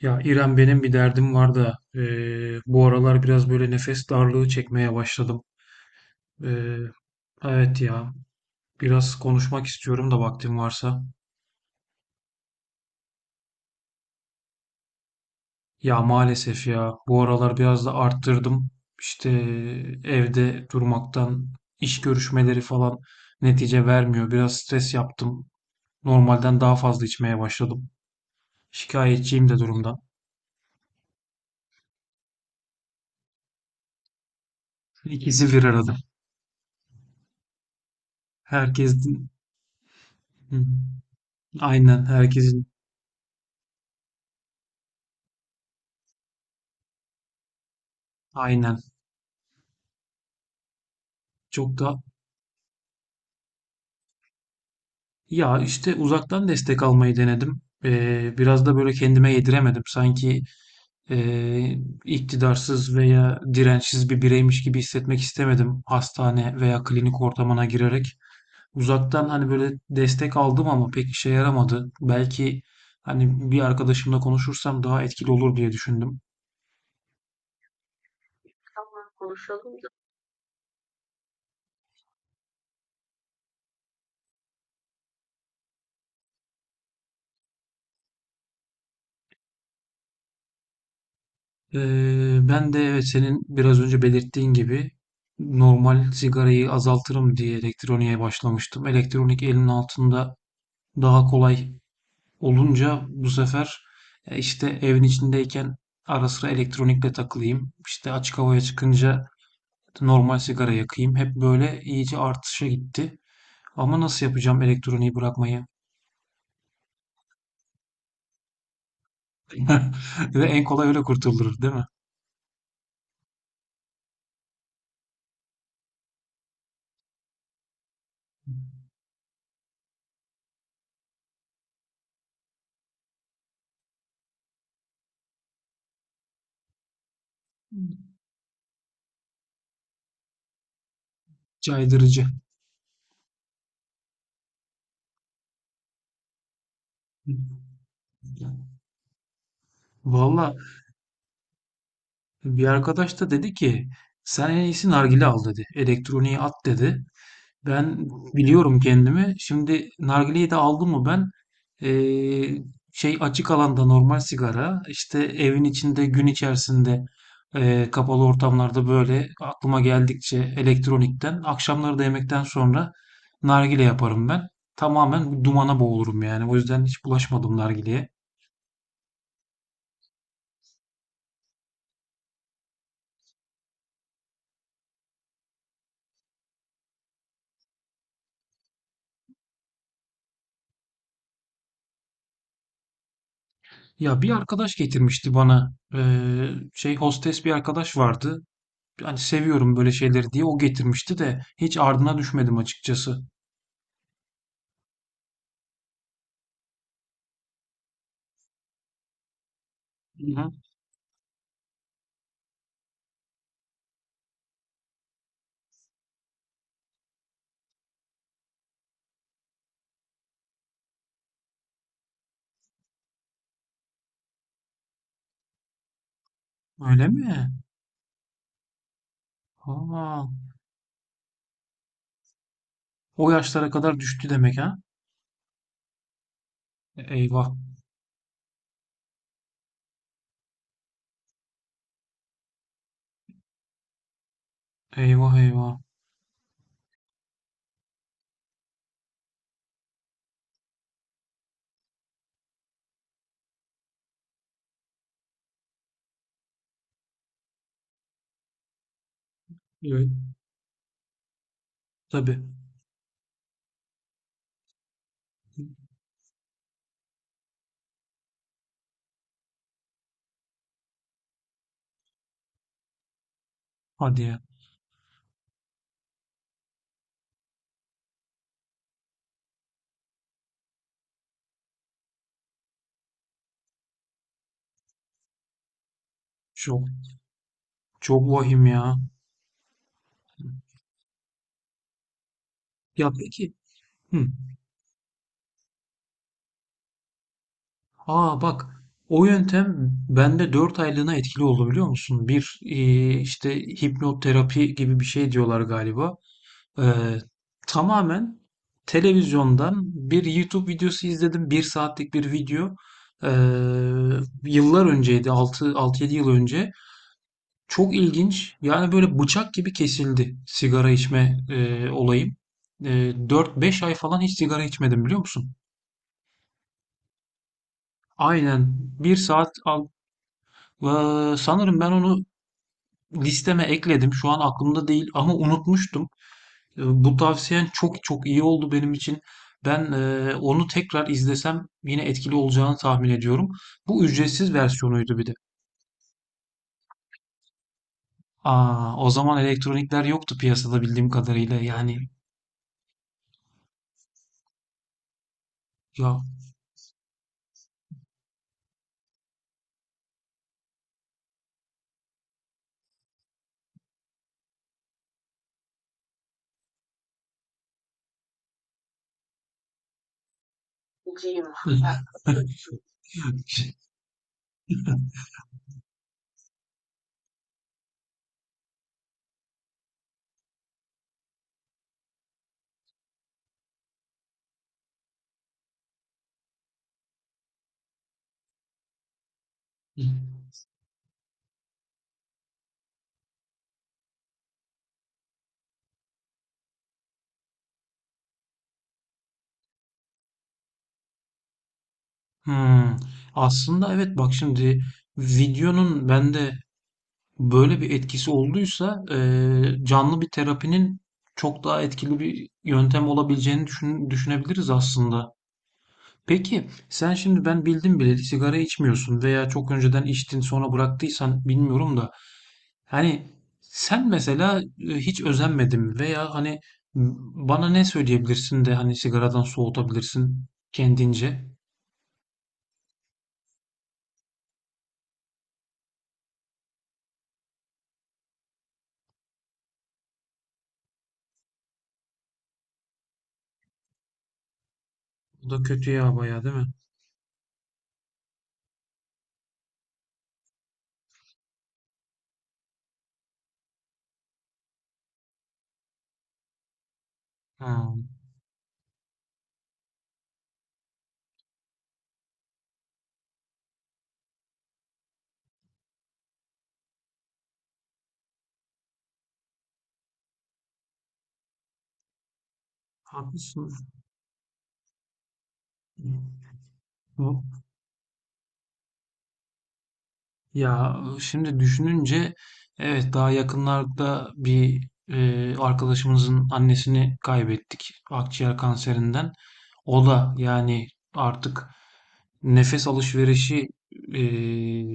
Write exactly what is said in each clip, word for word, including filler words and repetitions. Ya İrem benim bir derdim var da eee, bu aralar biraz böyle nefes darlığı çekmeye başladım. Eee, evet ya, biraz konuşmak istiyorum da vaktim varsa. Ya maalesef ya, bu aralar biraz da arttırdım. İşte evde durmaktan, iş görüşmeleri falan netice vermiyor. Biraz stres yaptım. Normalden daha fazla içmeye başladım. Şikayetçiyim de durumdan. İkisi bir arada. Herkesin. Hı hı. Aynen, herkesin. Aynen, çok da. Ya işte uzaktan destek almayı denedim. Ee, biraz da böyle kendime yediremedim. Sanki e, iktidarsız veya dirençsiz bir bireymiş gibi hissetmek istemedim, hastane veya klinik ortamına girerek. Uzaktan hani böyle destek aldım ama pek işe yaramadı. Belki hani bir arkadaşımla konuşursam daha etkili olur diye düşündüm. Ee, ben de evet, senin biraz önce belirttiğin gibi normal sigarayı azaltırım diye elektroniğe başlamıştım. Elektronik elimin altında daha kolay olunca, bu sefer e, işte evin içindeyken ara sıra elektronikle takılayım, işte açık havaya çıkınca normal sigara yakayım. Hep böyle iyice artışa gitti. Ama nasıl yapacağım elektroniği bırakmayı? Ve en kolay öyle kurtulur, değil mi? Caydırıcı. Valla, bir arkadaş da dedi ki sen en iyisi nargile al dedi. Elektroniği at dedi. Ben biliyorum kendimi. Şimdi nargileyi de aldım mı ben, eee, şey, açık alanda normal sigara, işte evin içinde gün içerisinde, eee, kapalı ortamlarda böyle aklıma geldikçe elektronikten, akşamları da yemekten sonra nargile yaparım ben. Tamamen bu dumana boğulurum yani. O yüzden hiç bulaşmadım nargileye. Ya bir arkadaş getirmişti bana, eee, şey, hostes bir arkadaş vardı. Hani seviyorum böyle şeyleri diye o getirmişti de hiç ardına düşmedim açıkçası. Hı. Öyle mi? Aa, o yaşlara kadar düştü demek ha? Eyvah. Eyvah, eyvah. Evet. Tabii. Hadi ya. Çok, çok vahim ya. Ya peki. Hı. Aa, bak. O yöntem bende dört aylığına etkili oldu, biliyor musun? Bir, e, işte hipnoterapi gibi bir şey diyorlar galiba. Eee, Tamamen televizyondan bir YouTube videosu izledim. Bir saatlik bir video. Eee, Yıllar önceydi. Altı, 6, yedi yıl önce. Çok ilginç. Yani böyle bıçak gibi kesildi sigara içme eee, olayım. Eee dört beş ay falan hiç sigara içmedim, biliyor musun? Aynen. Bir saat al. Eee, sanırım ben onu listeme ekledim. Şu an aklımda değil ama unutmuştum. E, Bu tavsiyen çok çok iyi oldu benim için. Ben e, onu tekrar izlesem yine etkili olacağını tahmin ediyorum. Bu ücretsiz versiyonuydu bir de. Aa, o zaman elektronikler yoktu piyasada bildiğim kadarıyla. Yani ya. Hmm. Aslında evet, bak şimdi, videonun bende böyle bir etkisi olduysa, e, canlı bir terapinin çok daha etkili bir yöntem olabileceğini düşün- düşünebiliriz aslında. Peki sen şimdi, ben bildim bileli sigara içmiyorsun veya çok önceden içtin sonra bıraktıysan bilmiyorum da, hani sen mesela, e, hiç özenmedin veya hani, bana ne söyleyebilirsin de hani sigaradan soğutabilirsin kendince? Bu da kötü ya, bayağı değil mi? Ha, haklısın. Ya şimdi düşününce, evet, daha yakınlarda bir e, arkadaşımızın annesini kaybettik akciğer kanserinden. O da yani artık nefes alışverişi e,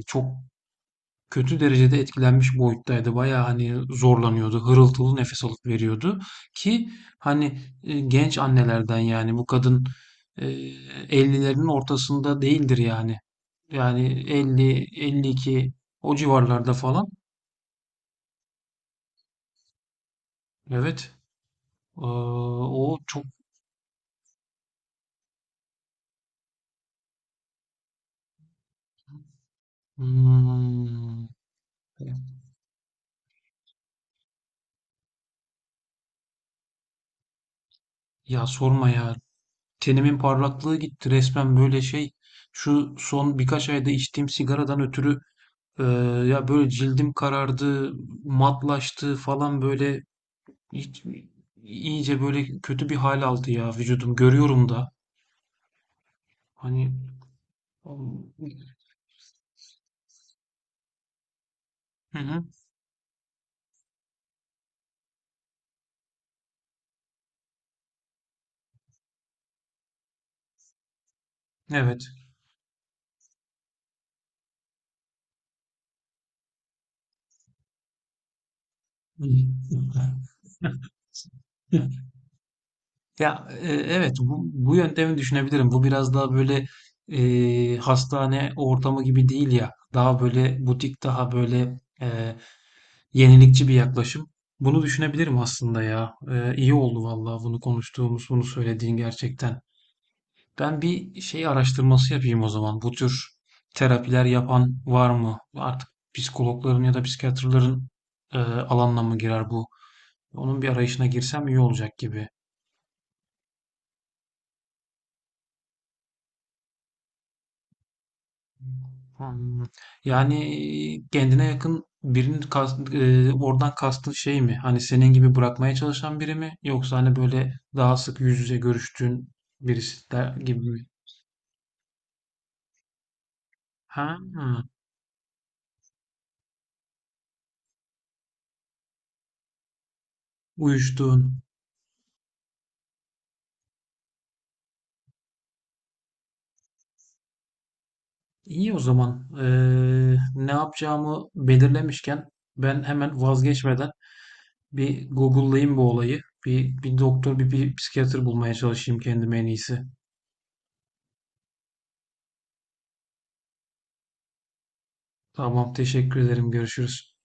çok kötü derecede etkilenmiş boyuttaydı. Baya hani zorlanıyordu, hırıltılı nefes alıp veriyordu ki hani, e, genç annelerden yani bu kadın, e, ellilerin ortasında değildir yani. Yani elli, elli iki, o civarlarda falan. Evet. Ee, o çok... Hmm. Ya sorma ya. Tenimin parlaklığı gitti resmen, böyle şey. Şu son birkaç ayda içtiğim sigaradan ötürü, e, ya böyle cildim karardı, matlaştı falan, böyle hiç, iyice böyle kötü bir hal aldı ya vücudum. Görüyorum da. Hani. Hı hı. Evet. Ya, e, evet, bu, bu yöntemi düşünebilirim. Bu biraz daha böyle, e, hastane ortamı gibi değil ya. Daha böyle butik, daha böyle e, yenilikçi bir yaklaşım. Bunu düşünebilirim aslında ya. E, iyi oldu vallahi bunu konuştuğumuz, bunu söylediğin, gerçekten. Ben bir şey araştırması yapayım o zaman. Bu tür terapiler yapan var mı? Artık psikologların ya da psikiyatrların e, alanına mı girer bu? Onun bir arayışına girsem iyi olacak gibi. Hmm. Yani kendine yakın birinin kast- e, oradan kastın şey mi? Hani senin gibi bırakmaya çalışan biri mi? Yoksa hani böyle daha sık yüz yüze görüştüğün birisi de gibi mi? Ha, ha. Uyuştuğun. İyi o zaman. Ee, ne yapacağımı belirlemişken, ben hemen vazgeçmeden bir Google'layayım bu olayı. Bir, bir doktor, bir, bir psikiyatr bulmaya çalışayım kendime en iyisi. Tamam, teşekkür ederim. Görüşürüz.